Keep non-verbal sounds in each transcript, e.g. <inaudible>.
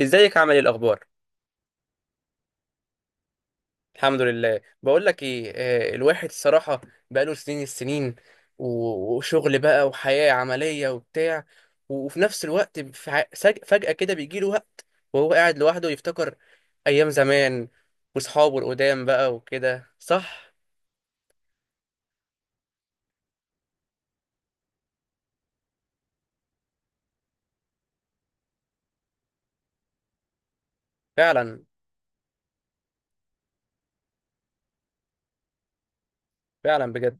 ازيك؟ عامل ايه؟ الاخبار؟ الحمد لله. بقول لك ايه، الواحد الصراحه بقاله سنين السنين وشغل بقى وحياه عمليه وبتاع. وفي نفس الوقت فجاه كده بيجي له وقت وهو قاعد لوحده يفتكر ايام زمان واصحابه القدام بقى وكده، صح؟ فعلا. فعلا بجد.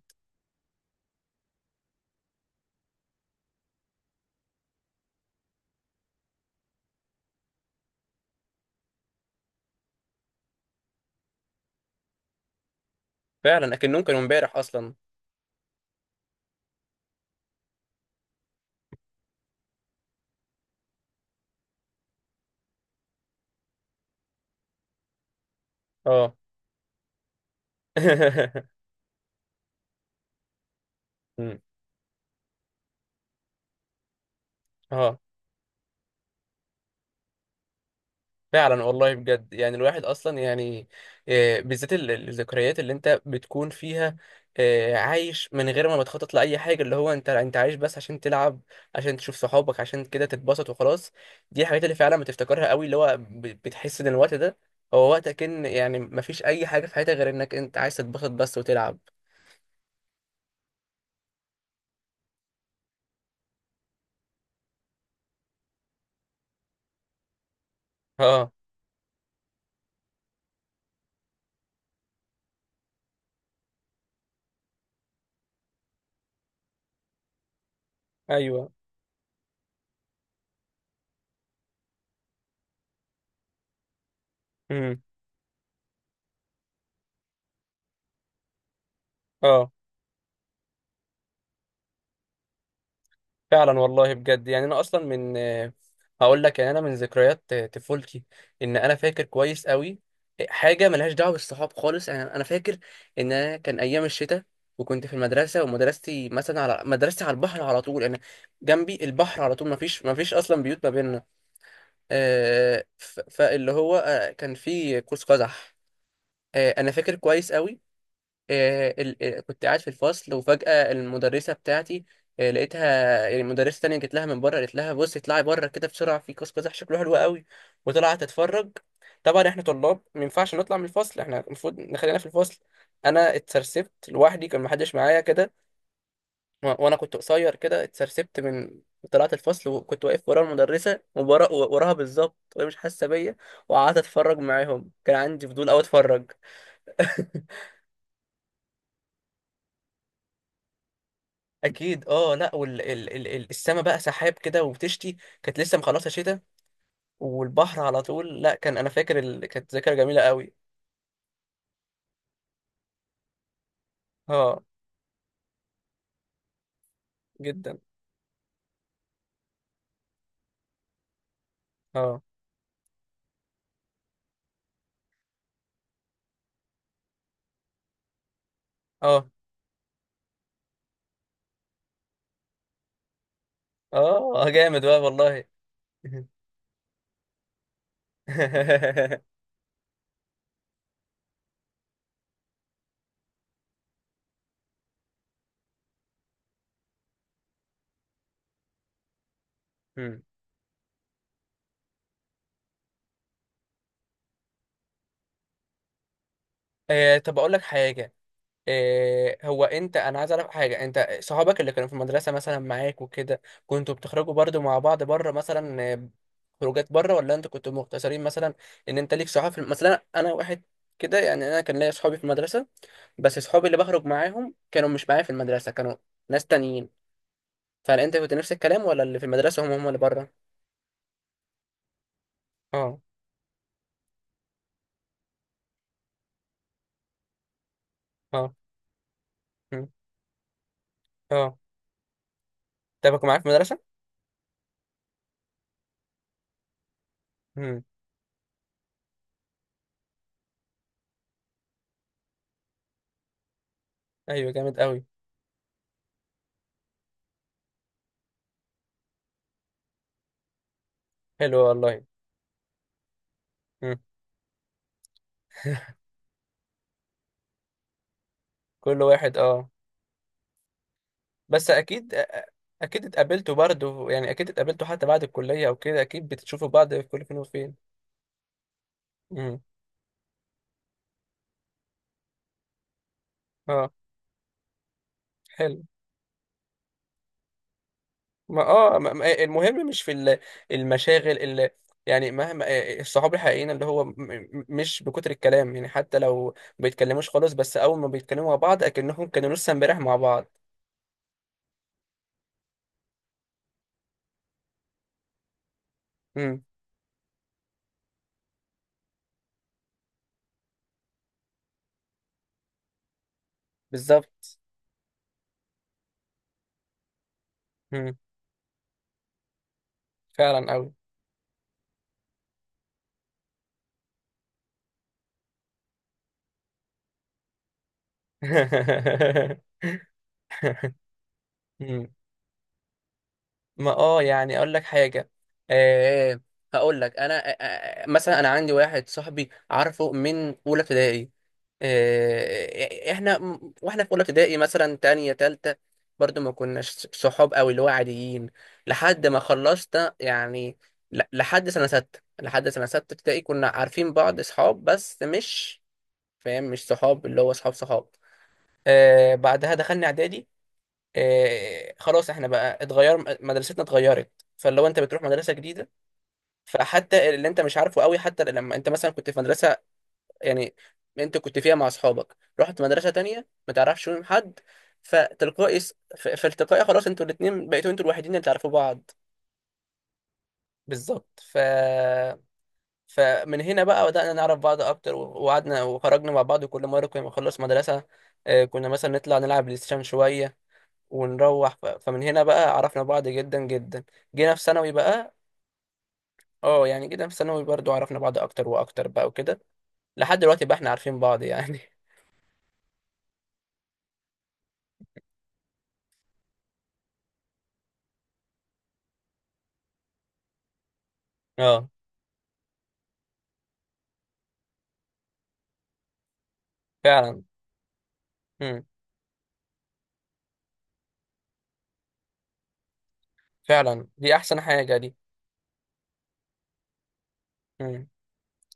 فعلا اكنهم كانوا امبارح اصلا. اه. <laughs> اه فعلا والله بجد، يعني الواحد اصلا يعني بالذات الذكريات اللي انت بتكون فيها، آه، عايش من غير ما بتخطط لاي حاجه، اللي هو انت عايش بس عشان تلعب، عشان تشوف صحابك، عشان كده تتبسط وخلاص. دي الحاجات اللي فعلا بتفتكرها قوي، اللي هو بتحس ان الوقت ده هو وقتك، ان يعني مفيش اي حاجه في حياتك غير انك انت عايز تتبسط بس وتلعب. اه. ايوه. امم. اه فعلا والله بجد، يعني انا اصلا من هقول لك، يعني انا من ذكريات طفولتي، ان انا فاكر كويس قوي حاجه ملهاش دعوه بالصحاب خالص. يعني انا فاكر ان انا كان ايام الشتاء، وكنت في المدرسه، ومدرستي مثلا على على البحر على طول. انا جنبي البحر على طول، ما فيش اصلا بيوت ما بيننا. آه، فاللي هو آه، كان في قوس قزح. آه، انا فاكر كويس قوي. آه، كنت قاعد في الفصل، وفجأة المدرسة بتاعتي آه، لقيتها، يعني مدرسة تانية جت لها من بره قالت لها بصي اطلعي بره كده بسرعة، في قوس قزح شكله حلو قوي. وطلعت تتفرج. طبعا احنا طلاب ما ينفعش نطلع من الفصل، احنا المفروض نخلينا في الفصل. انا اتسرسبت لوحدي، كان محدش معايا كده. وانا كنت قصير كده، اتسرسبت من طلعت الفصل وكنت واقف ورا المدرسة، وراها بالظبط وهي مش حاسة بيا. وقعدت اتفرج معاهم، كان عندي فضول اوي اتفرج. <laughs> اكيد. اه، لا وال ال ال ال- السما بقى سحاب كده وبتشتي، كانت لسه مخلصه شتاء، والبحر على طول. لا كان انا فاكر كانت ذاكره جميله قوي. اه جدا. اه. اه. اه جامد بقى والله. <laughs> مم. آه، طب اقول لك حاجه. إيه هو انت انا عايز اعرف حاجه، انت صحابك اللي كانوا في المدرسه مثلا معاك وكده، كنتوا بتخرجوا برضو مع بعض بره مثلا آه، خروجات بره؟ ولا انتوا كنتوا مقتصرين مثلا ان انت ليك صحاب في مثلا انا واحد كده، يعني انا كان ليا صحابي في المدرسه بس صحابي اللي بخرج معاهم كانوا مش معايا في المدرسه، كانوا ناس تانيين. فهل انت كنت نفس الكلام ولا اللي في المدرسه هم هم اللي بره؟ اه. اه. مم، اه. طب كنت معاك في المدرسه؟ امم. ايوه جامد قوي. حلو والله. مم. كل واحد، اه. بس اكيد، اكيد اتقابلتوا برضه، يعني اكيد اتقابلتوا حتى بعد الكليه او كده، اكيد بتشوفوا بعض في كل فين وفين. امم. اه. حلو. ما اه، المهم مش في المشاغل اللي، يعني مهما آه، الصحاب الحقيقيين اللي هو مش بكتر الكلام، يعني حتى لو ما بيتكلموش خالص بس اول ما بيتكلموا مع بعض اكنهم كانوا لسه امبارح مع بعض. امم. بالظبط. امم. فعلا قوي. <laughs> ما اه، يعني اقول لك حاجه. أه، هقول لك انا أه، آه، مثلا انا عندي واحد صاحبي عارفه من اولى ابتدائي. أه، احنا واحنا في اولى ابتدائي مثلا تانية تالتة برضو ما كناش صحاب قوي، اللي هو عاديين. لحد ما خلصنا، يعني لحد سنه سته ابتدائي كنا عارفين بعض صحاب بس مش فاهم، مش صحاب اللي هو صحاب صحاب. أه، بعدها دخلنا اعدادي، آه، خلاص احنا بقى اتغير، مدرستنا اتغيرت. فلو انت بتروح مدرسه جديده، فحتى اللي انت مش عارفه قوي، حتى لما انت مثلا كنت في مدرسه، يعني انت كنت فيها مع اصحابك، رحت مدرسه تانية ما تعرفش منهم حد، فتلقائي فالتقائي خلاص انتوا الاثنين بقيتوا انتوا الوحيدين اللي تعرفوا بعض. بالظبط. ف، فمن هنا بقى بدأنا نعرف بعض اكتر، وقعدنا وخرجنا مع بعض، وكل مره كنا بنخلص مدرسه آه، كنا مثلا نطلع نلعب بلاي ستيشن شويه ونروح فمن هنا بقى عرفنا بعض جدا جدا. جينا في ثانوي بقى، اه يعني جينا في ثانوي برضو عرفنا بعض اكتر واكتر بقى وكده، لحد دلوقتي بقى احنا عارفين بعض يعني. <laughs> اه فعلا. امم. فعلا دي احسن حاجة دي. امم.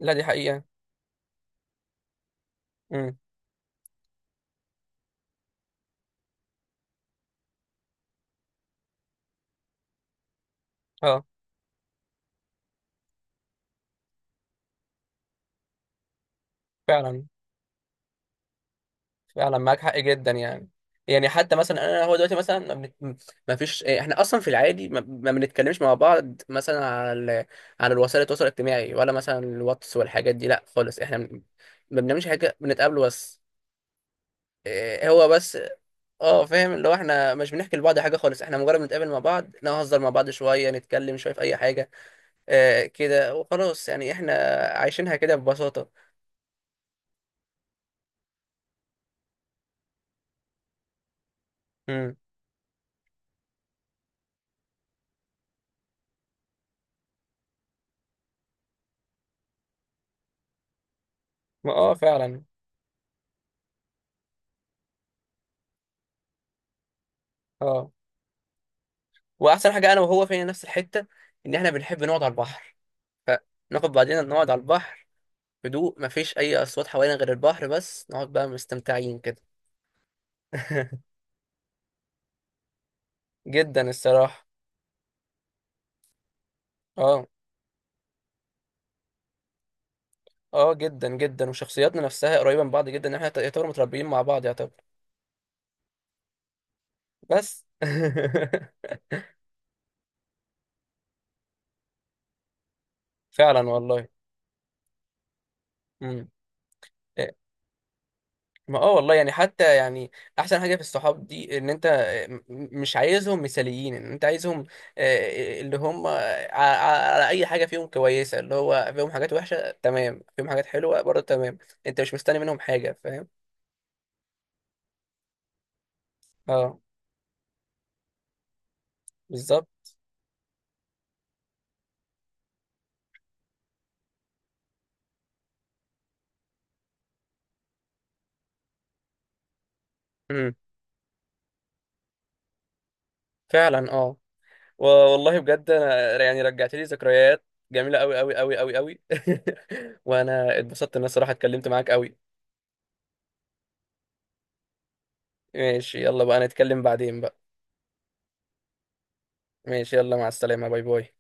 لا دي حقيقة. امم. اه فعلا. فعلا معاك حق جدا يعني. يعني حتى مثلا انا هو دلوقتي مثلا ما, بنت... ما فيش إيه، احنا اصلا في العادي ما بنتكلمش مع بعض مثلا على على الوسائل التواصل الاجتماعي ولا مثلا الواتس والحاجات دي، لا خالص. احنا ما بنعملش حاجه، بنتقابل بس، إيه هو بس. اه فاهم، اللي هو احنا مش بنحكي لبعض حاجه خالص، احنا مجرد بنتقابل مع بعض، نهزر مع بعض شويه، نتكلم شويه في اي حاجه، آه كده وخلاص يعني، احنا عايشينها كده ببساطه. امم. اه فعلا. اه، واحسن حاجه انا وهو فينا نفس الحته ان احنا بنحب نقعد على البحر، فناخد بعضنا نقعد على البحر، هدوء مفيش اي اصوات حوالينا غير البحر بس، نقعد بقى مستمتعين كده. <laughs> جدا الصراحه. اه. اه جدا جدا، وشخصياتنا نفسها قريبه من بعض جدا، ان احنا يعتبر متربيين مع بعض يعتبر. بس <laughs> فعلا والله. امم. ما اه والله يعني، حتى يعني احسن حاجه في الصحاب دي ان انت م- مش عايزهم مثاليين، ان انت عايزهم آه، اللي هم على اي حاجه فيهم كويسه، اللي هو فيهم حاجات وحشه تمام، فيهم حاجات حلوه برضه تمام، انت مش مستني منهم حاجه، فاهم؟ اه. بالظبط. امم. فعلا. اه، والله بجد انا يعني رجعت لي ذكريات جميله قوي قوي قوي قوي قوي. <laughs> وانا اتبسطت ان انا الصراحه اتكلمت معاك قوي. ماشي يلا بقى، نتكلم بعدين بقى. ماشي يلا، مع السلامه، باي باي.